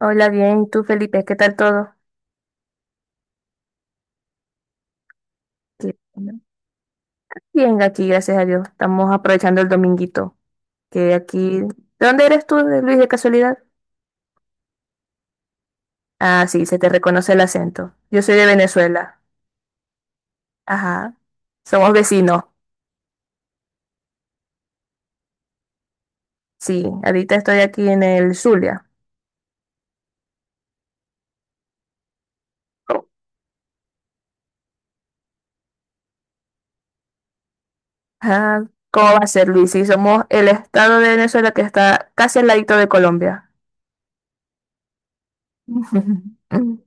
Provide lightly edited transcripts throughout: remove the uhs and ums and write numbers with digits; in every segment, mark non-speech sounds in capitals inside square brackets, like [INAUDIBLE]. Hola, bien, ¿y tú, Felipe? ¿Qué tal todo? Qué bueno. Bien, aquí, gracias a Dios. Estamos aprovechando el dominguito. Que aquí. ¿De dónde eres tú, Luis, de casualidad? Ah, sí, se te reconoce el acento. Yo soy de Venezuela. Ajá. Somos vecinos. Sí, ahorita estoy aquí en el Zulia. Ajá. ¿Cómo va a ser, Luis? Sí, somos el estado de Venezuela que está casi al ladito de Colombia. [LAUGHS]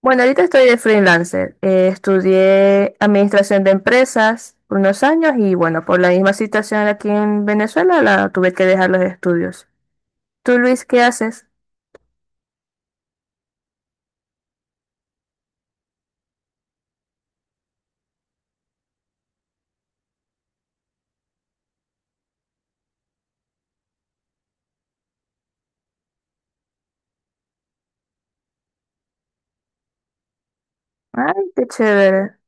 Bueno, ahorita estoy de freelancer. Estudié administración de empresas por unos años y bueno, por la misma situación aquí en Venezuela, la tuve que dejar los estudios. ¿Tú, Luis, qué haces? Ay, qué chévere.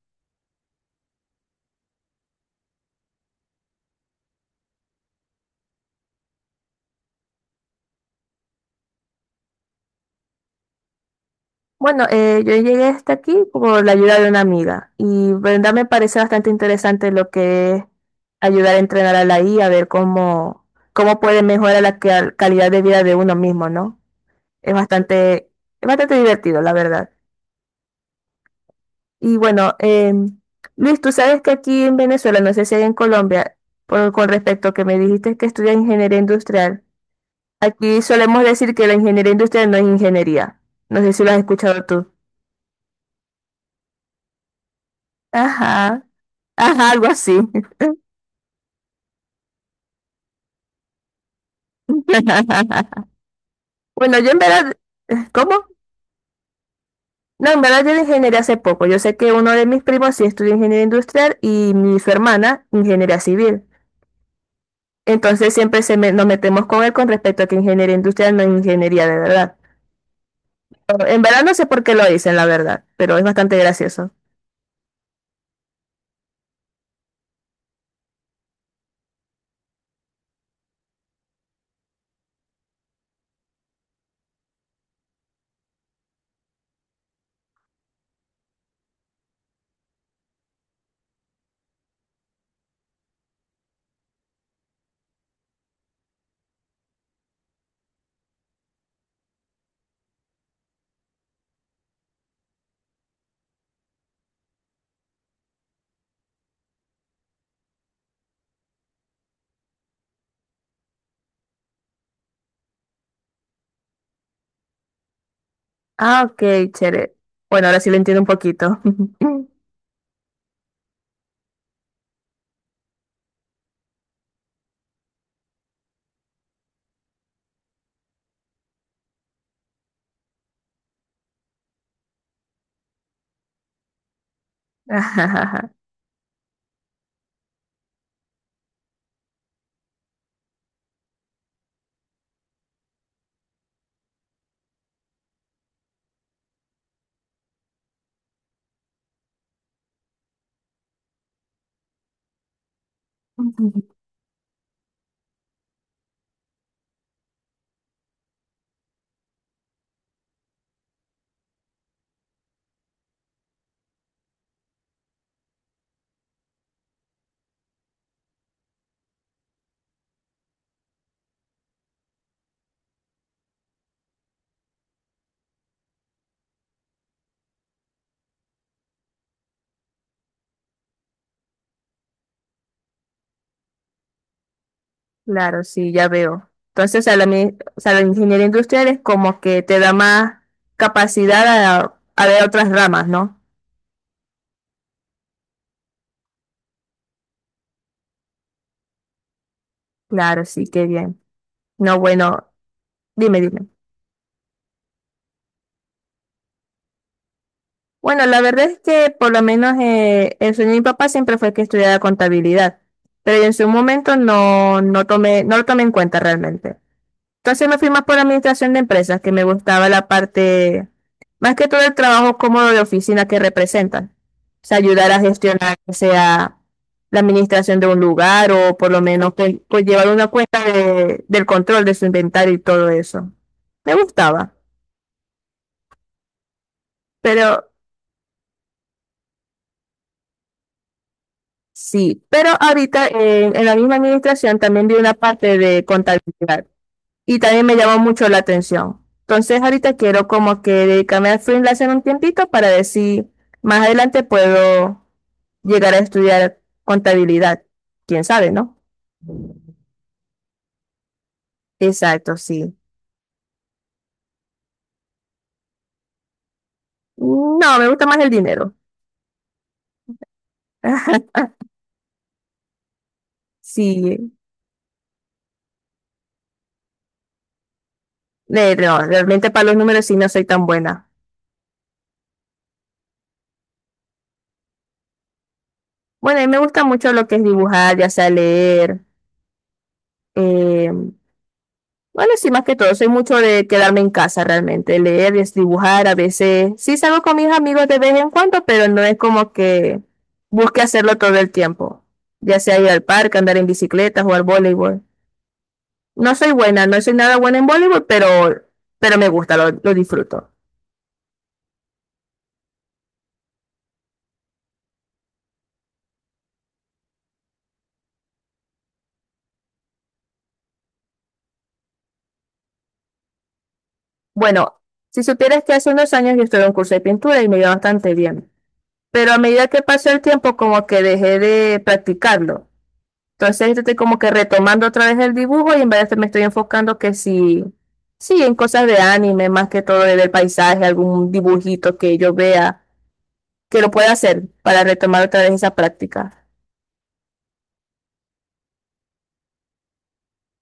Bueno, yo llegué hasta aquí por la ayuda de una amiga y verdad me parece bastante interesante lo que es ayudar a entrenar a la IA, a ver cómo, cómo puede mejorar la calidad de vida de uno mismo, ¿no? Es bastante, es bastante divertido, la verdad. Y bueno, Luis, tú sabes que aquí en Venezuela, no sé si hay en Colombia, con respecto a que me dijiste que estudia ingeniería industrial, aquí solemos decir que la ingeniería industrial no es ingeniería. No sé si lo has escuchado tú. Ajá, ajá, algo así. [LAUGHS] Bueno, yo en verdad, ¿cómo? No, en verdad yo de ingeniería hace poco. Yo sé que uno de mis primos sí estudia ingeniería industrial y mi, su hermana ingeniería civil. Entonces siempre nos metemos con él con respecto a que ingeniería industrial no es ingeniería de verdad. En verdad no sé por qué lo dicen, la verdad, pero es bastante gracioso. Ah, ok, chévere. Bueno, ahora sí lo entiendo un poquito. [LAUGHS] Ajajaja. Claro, sí, ya veo. Entonces, o sea, o sea, la ingeniería industrial es como que te da más capacidad a ver otras ramas, ¿no? Claro, sí, qué bien. No, bueno, dime, dime. Bueno, la verdad es que por lo menos el sueño de mi papá siempre fue que estudiara contabilidad, pero en su momento no, no lo tomé en cuenta realmente. Entonces me fui más por administración de empresas, que me gustaba la parte, más que todo el trabajo cómodo de oficina que representan. O sea, ayudar a gestionar, o sea la administración de un lugar o por lo menos pues, llevar una cuenta de, del control de su inventario y todo eso. Me gustaba, pero sí, pero ahorita en la misma administración también vi una parte de contabilidad. Y también me llamó mucho la atención. Entonces ahorita quiero como que dedicarme al freelance en un tiempito para ver si más adelante puedo llegar a estudiar contabilidad. ¿Quién sabe, no? Exacto, sí. No, me gusta más el dinero. [LAUGHS] Sí, no, realmente para los números sí no soy tan buena. Bueno, a mí me gusta mucho lo que es dibujar, ya sea leer, eh, bueno, sí, más que todo, soy mucho de quedarme en casa realmente, leer, es dibujar, a veces sí salgo con mis amigos de vez en cuando, pero no es como que busque hacerlo todo el tiempo, ya sea ir al parque, andar en bicicleta, jugar voleibol. No soy buena, no soy nada buena en voleibol, pero me gusta, lo disfruto. Bueno, si supieras que hace unos años yo estuve en un curso de pintura y me iba bastante bien, pero a medida que pasó el tiempo como que dejé de practicarlo. Entonces yo estoy como que retomando otra vez el dibujo y en vez de me estoy enfocando que sí, sí, en cosas de anime, más que todo del paisaje, algún dibujito que yo vea que lo pueda hacer para retomar otra vez esa práctica.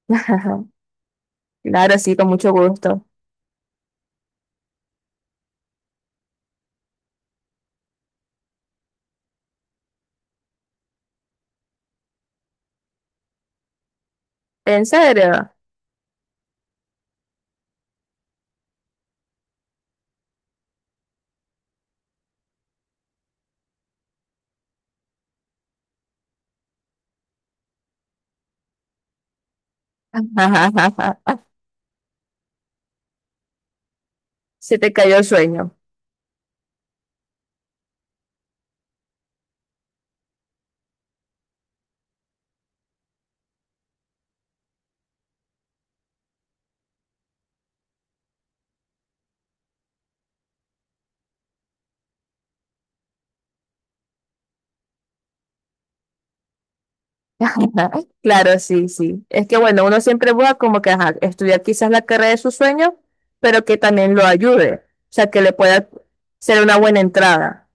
[LAUGHS] Claro, sí, con mucho gusto. ¿En serio? [LAUGHS] Se te cayó el sueño. [LAUGHS] Claro, sí, sí. Es que bueno, uno siempre busca como que ajá, estudiar quizás la carrera de su sueño, pero que también lo ayude, o sea, que le pueda ser una buena entrada.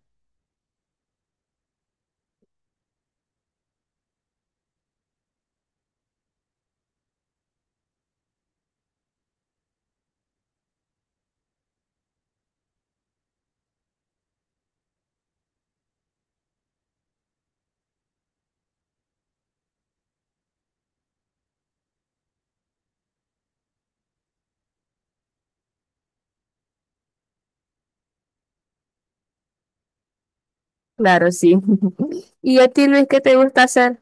Claro, sí. [LAUGHS] ¿Y a ti, Luis, qué te gusta hacer?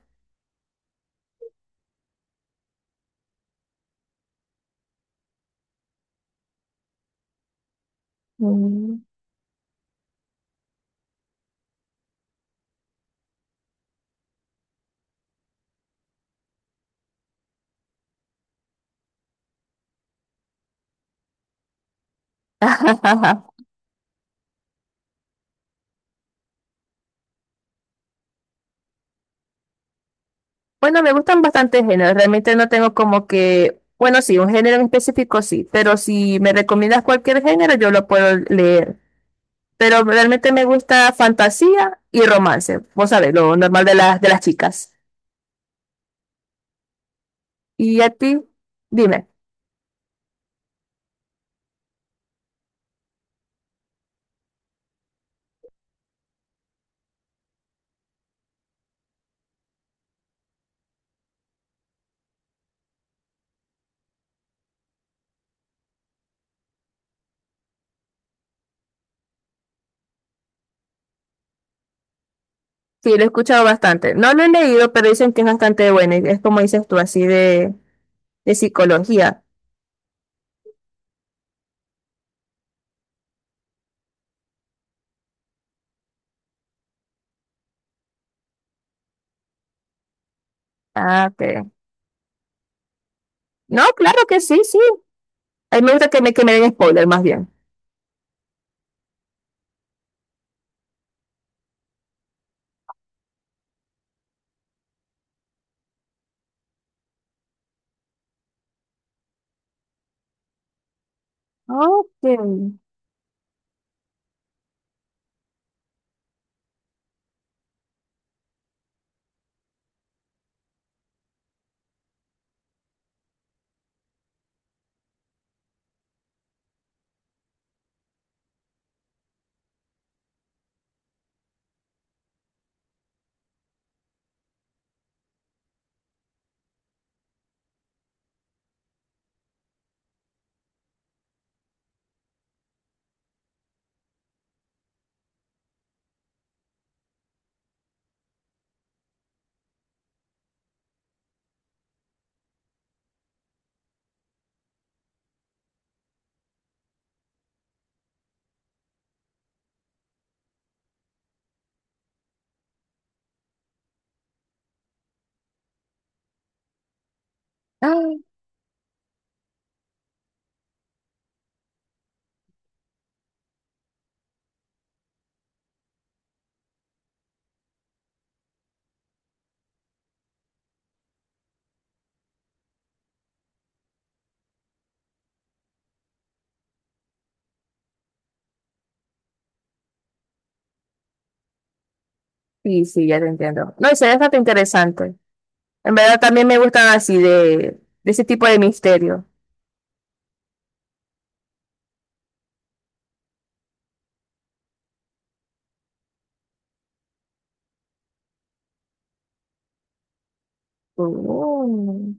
Mm. [LAUGHS] Bueno, me gustan bastantes géneros. Realmente no tengo como que, bueno, sí, un género en específico sí, pero si me recomiendas cualquier género, yo lo puedo leer. Pero realmente me gusta fantasía y romance. Vos sabés, lo normal de las chicas. ¿Y a ti? Dime. Sí, lo he escuchado bastante. No lo he leído, pero dicen que es bastante bueno. Y es como dices tú, así de psicología. Ah, ok. No, claro que sí, sí. A mí me gusta que me den spoiler más bien. Ok. Ay, sí, sí, ya te entiendo. No, eso es bastante interesante. En verdad también me gustan así de ese tipo de misterio. Oh.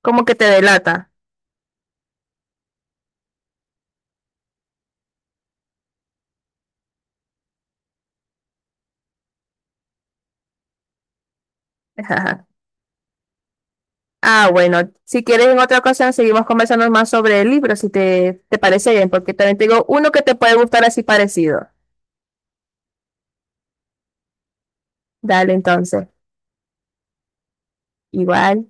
Como que te delata. [LAUGHS] Ajá. Ah, bueno, si quieres en otra ocasión seguimos conversando más sobre el libro, si te parece bien, porque también tengo uno que te puede gustar así parecido. Dale entonces. Igual.